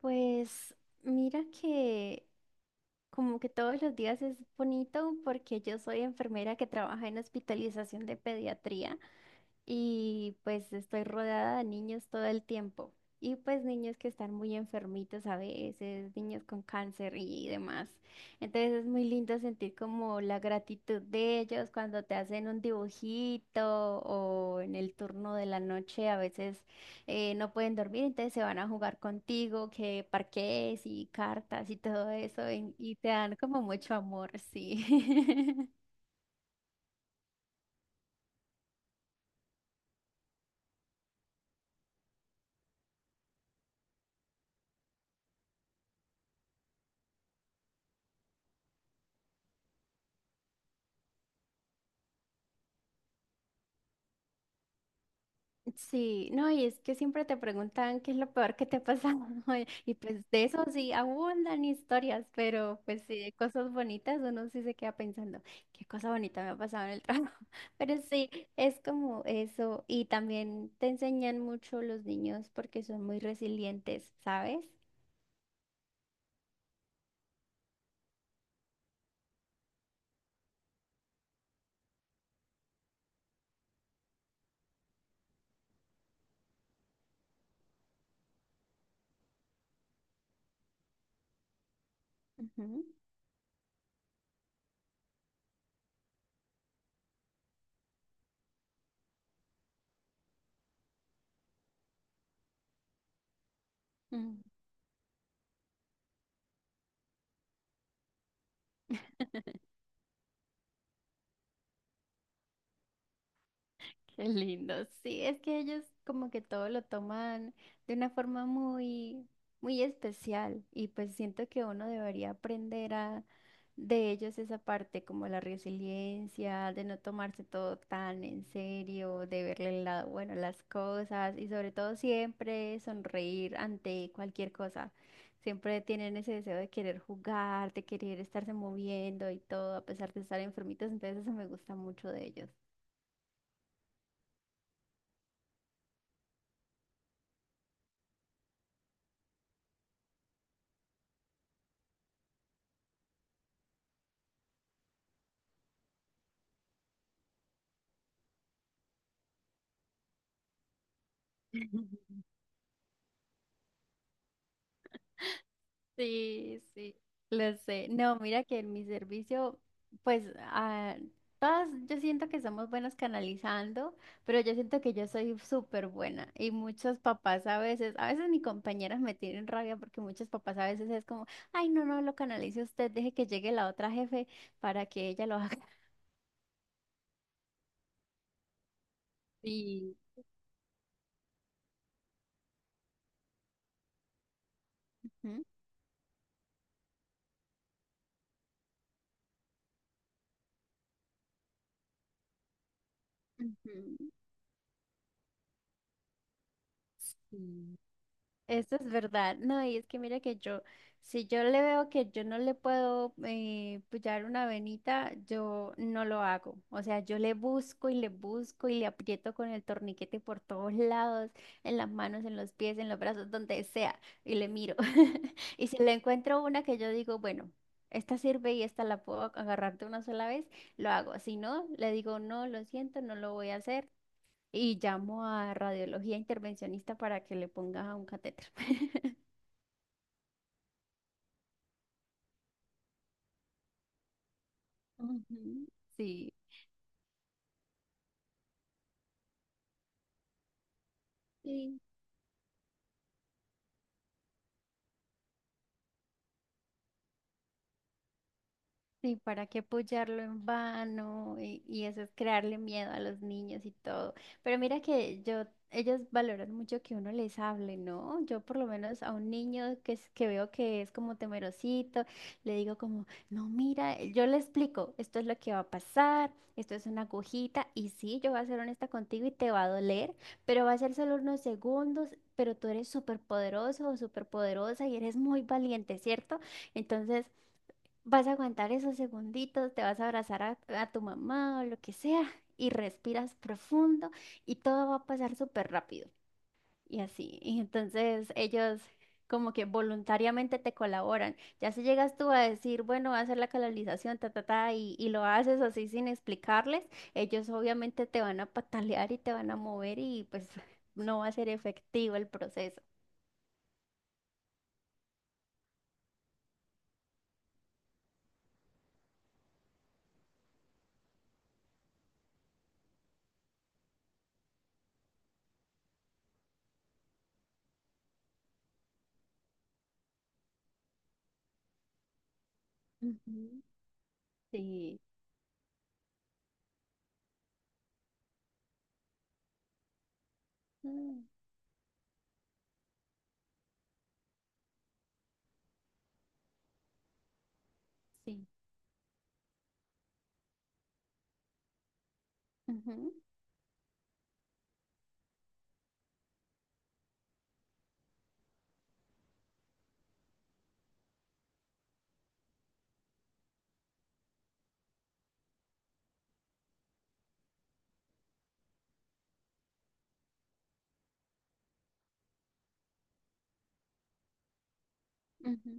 Pues mira que como que todos los días es bonito porque yo soy enfermera que trabaja en hospitalización de pediatría y pues estoy rodeada de niños todo el tiempo. Y pues niños que están muy enfermitos a veces, niños con cáncer y demás. Entonces es muy lindo sentir como la gratitud de ellos cuando te hacen un dibujito o en el turno de la noche a veces no pueden dormir, entonces se van a jugar contigo, que parques y cartas y todo eso y te dan como mucho amor, sí. Sí, no, y es que siempre te preguntan qué es lo peor que te pasa, ¿no? Y pues de eso sí abundan historias, pero pues sí, de cosas bonitas uno sí se queda pensando, qué cosa bonita me ha pasado en el trabajo. Pero sí, es como eso, y también te enseñan mucho los niños porque son muy resilientes, ¿sabes? Ujú. Qué lindo. Sí, es que ellos como que todo lo toman de una forma muy, muy especial y pues siento que uno debería aprender a de ellos esa parte como la resiliencia, de no tomarse todo tan en serio, de verle el lado bueno a las cosas y sobre todo siempre sonreír ante cualquier cosa. Siempre tienen ese deseo de querer jugar, de querer estarse moviendo y todo a pesar de estar enfermitos, entonces eso me gusta mucho de ellos. Sí, sí, lo sé. No, mira que en mi servicio, pues ah, todas yo siento que somos buenas canalizando, pero yo siento que yo soy súper buena y muchos papás a veces mis compañeras me tienen rabia porque muchos papás a veces es como, ay, no, no, lo canalice usted, deje que llegue la otra jefe para que ella lo haga. Sí. Ujú, ujú. Sí. Eso es verdad. No, y es que mira que yo, si yo le veo que yo no le puedo pullar una venita, yo no lo hago. O sea, yo le busco y le busco y le aprieto con el torniquete por todos lados, en las manos, en los pies, en los brazos, donde sea, y le miro. Y si le encuentro una que yo digo, bueno, esta sirve y esta la puedo agarrar de una sola vez, lo hago. Si no, le digo, no, lo siento, no lo voy a hacer y llamo a radiología intervencionista para que le ponga un catéter. Ujú. Sí. Sí, ¿para qué apoyarlo en vano? Y eso es crearle miedo a los niños y todo. Pero mira que yo, ellos valoran mucho que uno les hable, ¿no? Yo por lo menos a un niño que, que veo que es como temerosito, le digo como, no, mira, yo le explico, esto es lo que va a pasar, esto es una agujita, y sí, yo voy a ser honesta contigo y te va a doler, pero va a ser solo unos segundos, pero tú eres súper poderoso o súper poderosa y eres muy valiente, ¿cierto? Entonces... Vas a aguantar esos segunditos, te vas a abrazar a tu mamá o lo que sea y respiras profundo y todo va a pasar súper rápido. Y así. Y entonces ellos como que voluntariamente te colaboran. Ya si llegas tú a decir, bueno, voy a hacer la canalización, ta, ta, ta, y lo haces así sin explicarles, ellos obviamente te van a patalear y te van a mover y pues no va a ser efectivo el proceso. Ujú. Sí. Mm. Sí. Ujú, ujú.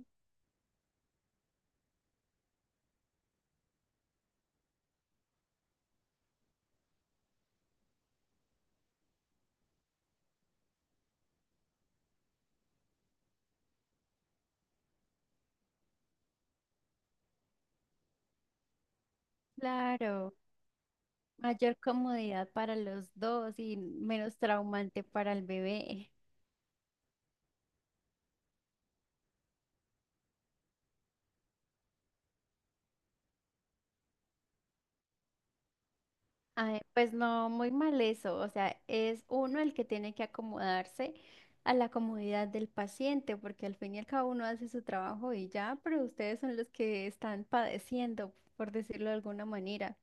Claro. Mayor comodidad para los dos y menos traumante para el bebé. Ay, pues no, muy mal eso. O sea, es uno el que tiene que acomodarse a la comodidad del paciente, porque al fin y al cabo uno hace su trabajo y ya, pero ustedes son los que están padeciendo, por decirlo de alguna manera.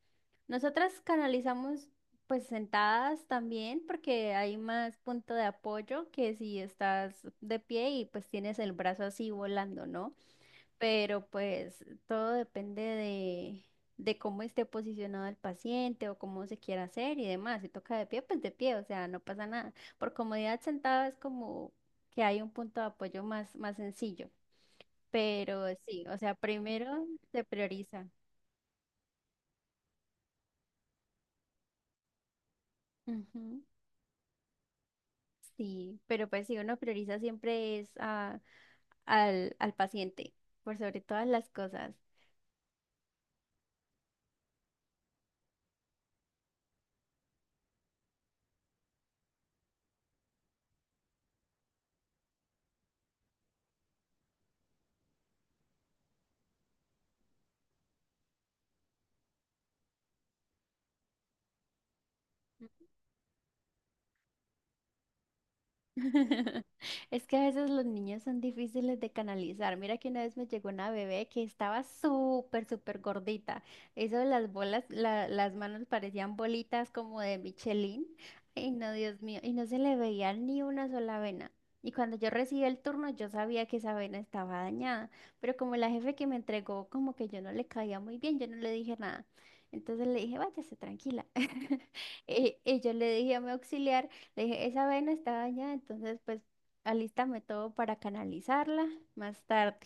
Nosotras canalizamos pues sentadas también, porque hay más punto de apoyo que si estás de pie y pues tienes el brazo así volando, ¿no? Pero pues todo depende de cómo esté posicionado el paciente o cómo se quiera hacer y demás. Si toca de pie, pues de pie, o sea, no pasa nada. Por comodidad sentado es como que hay un punto de apoyo más, más sencillo, pero sí, o sea, primero se prioriza. Ujú. Sí, pero pues si uno prioriza siempre es al paciente, por sobre todas las cosas. Es que a veces los niños son difíciles de canalizar. Mira que una vez me llegó una bebé que estaba súper, súper gordita. Eso de las bolas, las manos parecían bolitas como de Michelin. Ay, no, Dios mío. Y no se le veía ni una sola vena. Y cuando yo recibí el turno, yo sabía que esa vena estaba dañada. Pero como la jefe que me entregó, como que yo no le caía muy bien, yo no le dije nada. Entonces le dije, váyase tranquila. Y yo le dije a mi auxiliar. Le dije, esa vena está dañada, entonces pues alístame todo para canalizarla más tarde.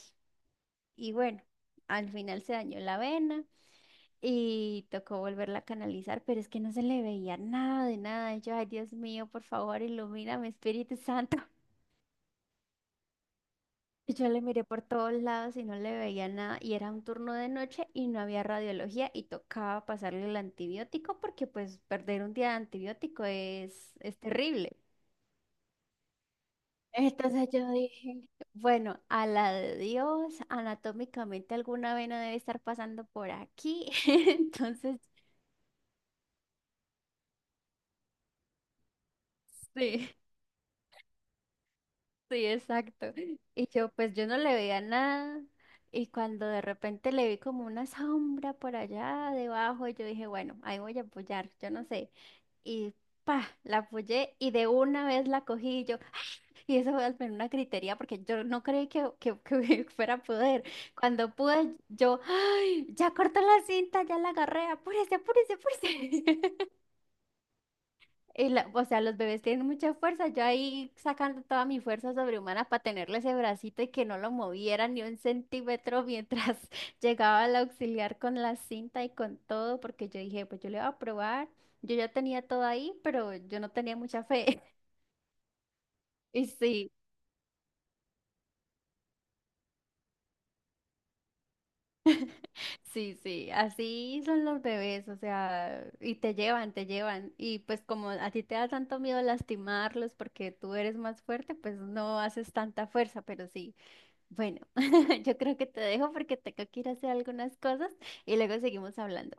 Y bueno, al final se dañó la vena y tocó volverla a canalizar, pero es que no se le veía nada de nada. Y yo, ay Dios mío, por favor, ilumíname, Espíritu Santo. Y yo le miré por todos lados y no le veía nada. Y era un turno de noche y no había radiología y tocaba pasarle el antibiótico porque pues perder un día de antibiótico es terrible. Entonces yo dije, bueno, a la de Dios, anatómicamente alguna vena debe estar pasando por aquí. Entonces, sí. Sí, exacto. Y yo, pues yo no le veía nada. Y cuando de repente le vi como una sombra por allá debajo, y yo dije, bueno, ahí voy a apoyar, yo no sé. Y pa, la apoyé y de una vez la cogí y yo, ¡ah! Y eso fue al menos una gritería porque yo no creí que fuera a poder. Cuando pude, yo, ¡ay! Ya cortó la cinta, ya la agarré, apúrese, apúrese, apúrese. Y la- o sea, los bebés tienen mucha fuerza. Yo ahí sacando toda mi fuerza sobrehumana para tenerle ese bracito y que no lo moviera ni un centímetro mientras llegaba el auxiliar con la cinta y con todo, porque yo dije, pues yo le voy a probar. Yo ya tenía todo ahí, pero yo no tenía mucha fe. Y sí, sí, sí, así son los bebés, o sea, y te llevan, te llevan. Y pues como a ti te da tanto miedo lastimarlos porque tú eres más fuerte, pues no haces tanta fuerza, pero sí. Bueno, yo creo que te dejo porque tengo que ir a hacer algunas cosas y luego seguimos hablando.